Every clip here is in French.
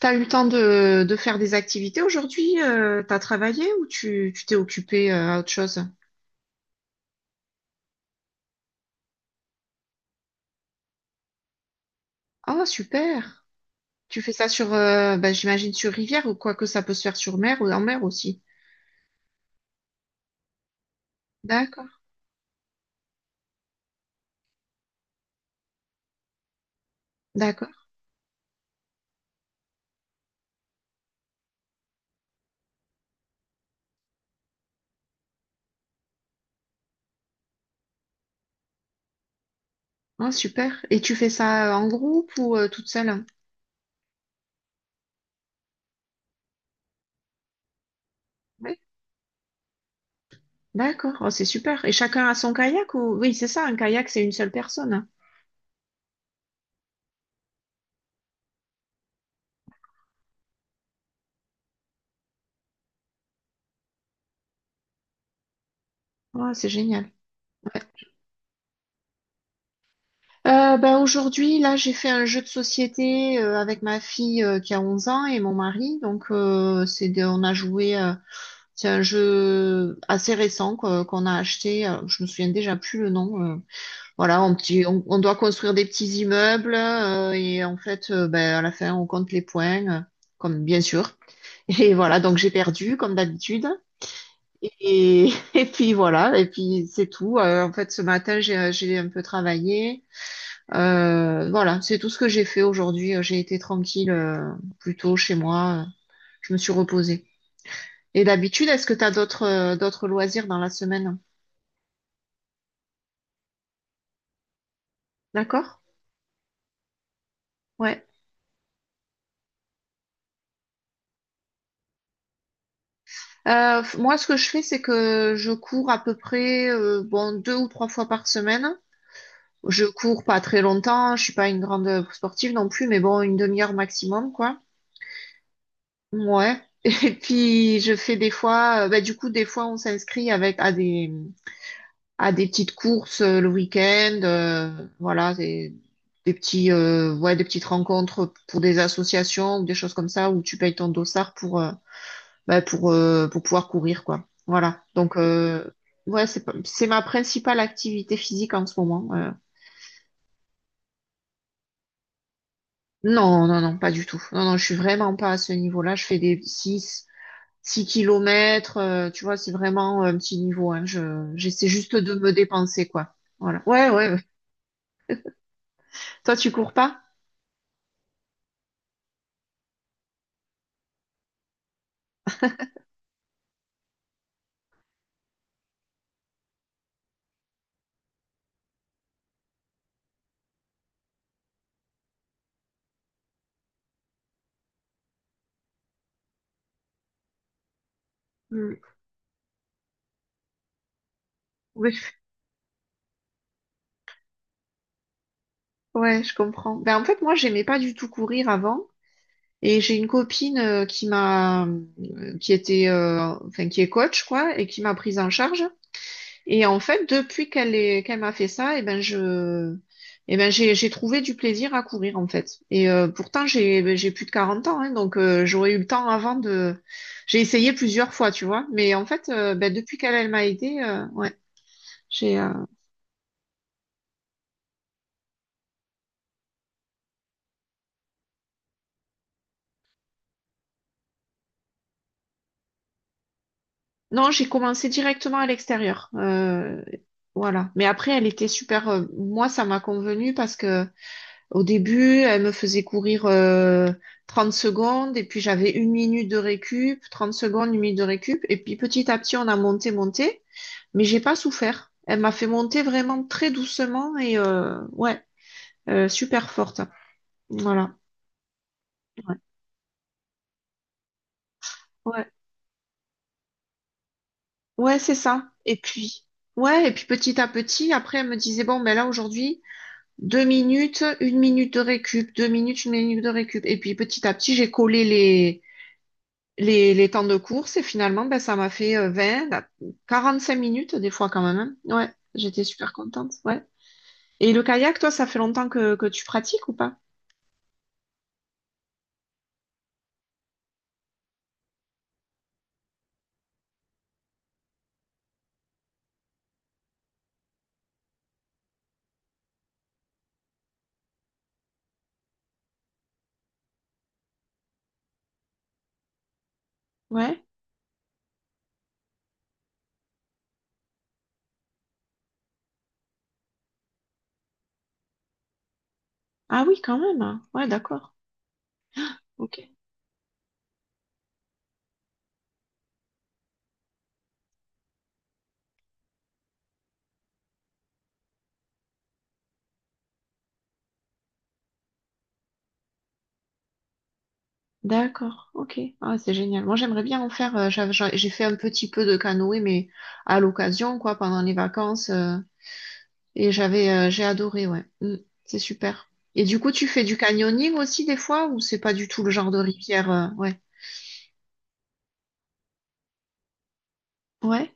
T'as eu le temps de faire des activités aujourd'hui? T'as travaillé ou tu t'es occupé à autre chose? Ah, super! Tu fais ça sur, bah, j'imagine sur rivière ou quoi que ça peut se faire sur mer ou en mer aussi. D'accord, d'accord. Ah, super. Et tu fais ça en groupe ou toute seule? Oui. D'accord. Oh, c'est super. Et chacun a son kayak ou... Oui, c'est ça, un kayak, c'est une seule personne. Ah, c'est génial. Ouais. Ben aujourd'hui, là, j'ai fait un jeu de société avec ma fille qui a 11 ans et mon mari. Donc, on a joué. C'est un jeu assez récent quoi, qu'on a acheté. Je me souviens déjà plus le nom. Voilà. On doit construire des petits immeubles et en fait, ben, à la fin, on compte les points, comme bien sûr. Et voilà, donc j'ai perdu comme d'habitude. Et puis voilà, et puis c'est tout. En fait, ce matin, j'ai un peu travaillé. Voilà, c'est tout ce que j'ai fait aujourd'hui. J'ai été tranquille, plutôt chez moi. Je me suis reposée. Et d'habitude, est-ce que tu as d'autres loisirs dans la semaine? D'accord? Ouais. Moi, ce que je fais, c'est que je cours à peu près bon 2 ou 3 fois par semaine. Je cours pas très longtemps. Je suis pas une grande sportive non plus, mais bon, une demi-heure maximum, quoi. Ouais. Et puis je fais des fois, bah, du coup, des fois, on s'inscrit avec à des petites courses le week-end, voilà, ouais, des petites rencontres pour des associations ou des choses comme ça où tu payes ton dossard pour, pour pouvoir courir, quoi. Voilà. Donc, ouais, c'est, c'est ma principale activité physique en ce moment. Non, non, non, pas du tout. Non, non, je suis vraiment pas à ce niveau-là. Je fais des six kilomètres, tu vois, c'est vraiment un petit niveau, hein. J'essaie juste de me dépenser, quoi. Voilà. Ouais, ouais, ouais. Toi, tu cours pas? Hmm. Ouais, je comprends. Ben, en fait, moi, j'aimais pas du tout courir avant. Et j'ai une copine qui était, enfin, qui est coach, quoi, et qui m'a prise en charge. Et en fait, depuis qu'elle m'a fait ça, et ben, je, et ben, j'ai trouvé du plaisir à courir, en fait. Et pourtant, j'ai plus de 40 ans, hein, donc j'aurais eu le temps avant de, j'ai essayé plusieurs fois, tu vois. Mais en fait, ben, depuis elle m'a aidée, ouais, j'ai, euh, Non, j'ai commencé directement à l'extérieur. Voilà. Mais après, elle était super. Moi, ça m'a convenu parce que au début, elle me faisait courir 30 secondes et puis j'avais une minute de récup, 30 secondes, une minute de récup. Et puis petit à petit, on a monté, monté. Mais j'ai pas souffert. Elle m'a fait monter vraiment très doucement et ouais, super forte. Voilà. Ouais. Ouais, ouais, c'est ça. Et puis, ouais, et puis petit à petit, après, elle me disait, bon, ben là, aujourd'hui. 2 minutes, une minute de récup, 2 minutes, une minute de récup. Et puis petit à petit, j'ai collé les temps de course et finalement, ben, ça m'a fait 20, 45 minutes des fois quand même, hein. Ouais, j'étais super contente. Ouais. Et le kayak, toi, ça fait longtemps que tu pratiques ou pas? Ouais. Ah oui, quand même, hein. Ouais, d'accord. Ok. D'accord. Ok. Ah, c'est génial. Moi, j'aimerais bien en faire. J'ai fait un petit peu de canoë, mais à l'occasion, quoi, pendant les vacances. Et j'ai adoré, ouais. Mm, c'est super. Et du coup, tu fais du canyoning aussi des fois ou c'est pas du tout le genre de rivière, ouais. Ouais,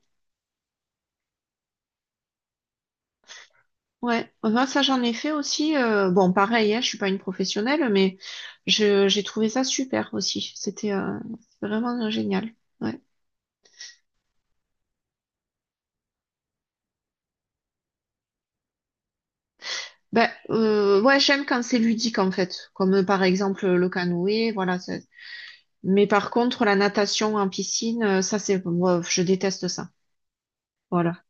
ouais. Moi, ça, j'en ai fait aussi. Bon, pareil, hein, je suis pas une professionnelle, mais j'ai trouvé ça super aussi. C'était vraiment génial. Ouais. Ben, ouais, j'aime quand c'est ludique en fait, comme par exemple le canoë, voilà. Mais par contre, la natation en piscine, ça, c'est, moi, je déteste ça. Voilà.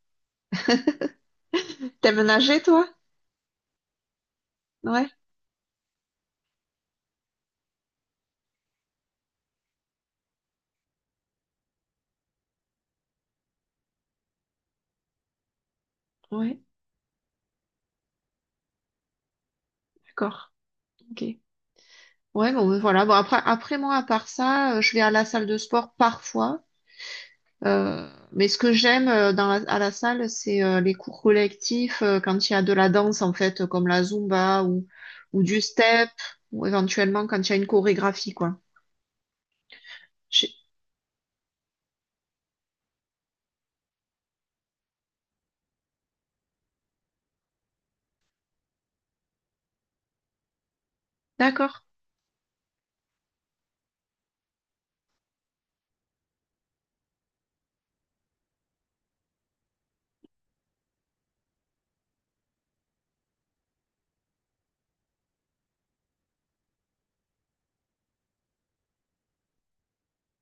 T'aimes nager, toi? Ouais, ouais, d'accord. Ok. Ouais, bon, voilà. Bon, après moi, à part ça, je vais à la salle de sport parfois. Mais ce que j'aime à la salle, c'est les cours collectifs, quand il y a de la danse, en fait, comme la Zumba ou du step, ou éventuellement quand il y a une chorégraphie, quoi. Je- D'accord,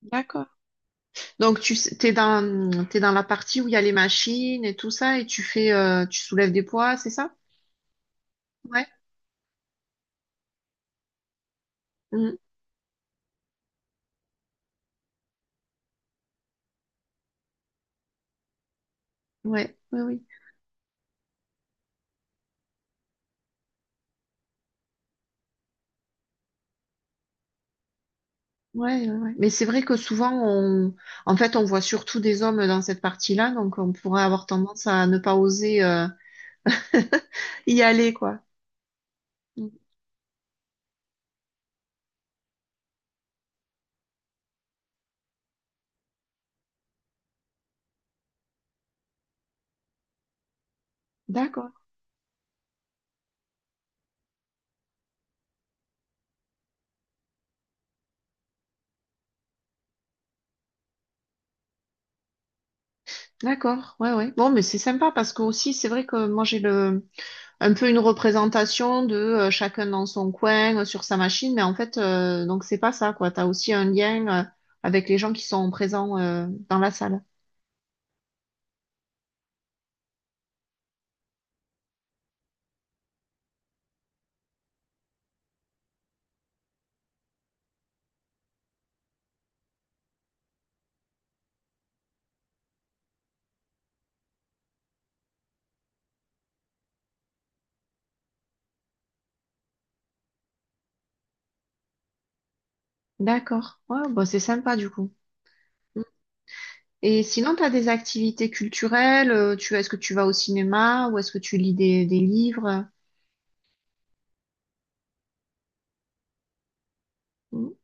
d'accord. Donc, t'es dans la partie où il y a les machines et tout ça, et tu fais, tu soulèves des poids, c'est ça? Ouais. Mm. Ouais, oui, oui. Ouais, ouais, ouais. Mais c'est vrai que souvent, on... en fait, on voit surtout des hommes dans cette partie-là, donc on pourrait avoir tendance à ne pas oser y aller, quoi. Mm. D'accord, d'accord, ouais, ouais. Bon, mais c'est sympa parce que aussi, c'est vrai que moi, j'ai le... un peu une représentation de chacun dans son coin, sur sa machine, mais en fait, donc c'est pas ça, quoi. T'as aussi un lien avec les gens qui sont présents dans la salle. D'accord, ouais, bah, c'est sympa du coup. Et sinon, tu as des activités culturelles, est-ce que tu vas au cinéma ou est-ce que tu lis des livres? Mm.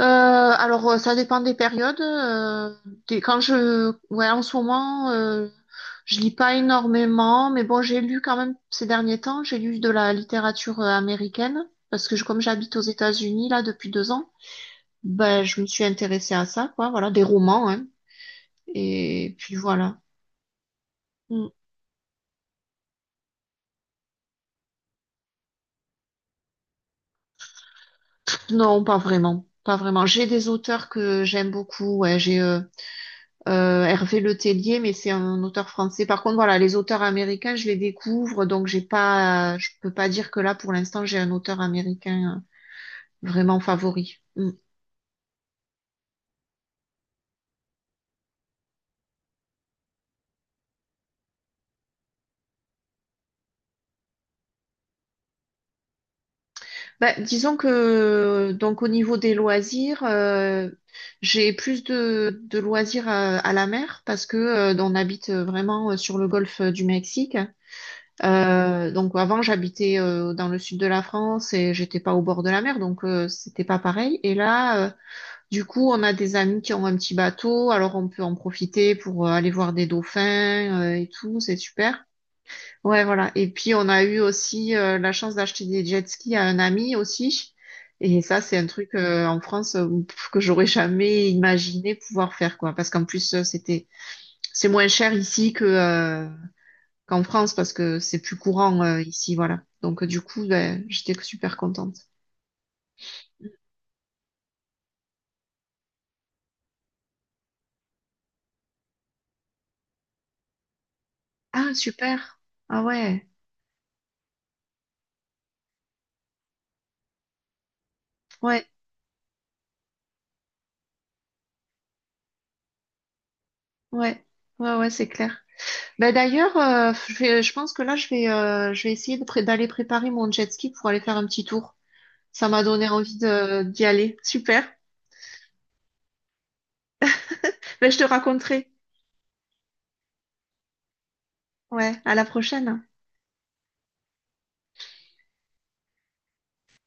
Alors, ça dépend des périodes. Ouais, en ce moment, je lis pas énormément, mais bon, j'ai lu quand même ces derniers temps, j'ai lu de la littérature américaine parce que comme j'habite aux États-Unis là depuis 2 ans, ben, je me suis intéressée à ça, quoi. Voilà, des romans, hein. Et puis voilà. Non, pas vraiment. Pas vraiment. J'ai des auteurs que j'aime beaucoup, ouais. J'ai Hervé Le Tellier, mais c'est un auteur français. Par contre, voilà, les auteurs américains, je les découvre, donc j'ai pas, je peux pas dire que là, pour l'instant, j'ai un auteur américain vraiment favori. Mm. Bah, disons que donc au niveau des loisirs, j'ai plus de loisirs à la mer parce que on habite vraiment sur le golfe du Mexique. Donc avant, j'habitais dans le sud de la France et j'étais pas au bord de la mer, donc c'était pas pareil. Et là, du coup, on a des amis qui ont un petit bateau, alors on peut en profiter pour aller voir des dauphins et tout, c'est super. Ouais, voilà. Et puis on a eu aussi la chance d'acheter des jet skis à un ami aussi. Et ça, c'est un truc en France, que j'aurais jamais imaginé pouvoir faire, quoi. Parce qu'en plus, c'est moins cher ici que qu'en France parce que c'est plus courant ici, voilà. Donc du coup, ben, j'étais super contente. Ah, super. Ah ouais, ouais, ouais, ouais, ouais, c'est clair. Ben d'ailleurs, je pense que là, je vais essayer d'aller préparer mon jet ski pour aller faire un petit tour. Ça m'a donné envie d'y aller. Super. Ben, je te raconterai. Ouais, à la prochaine.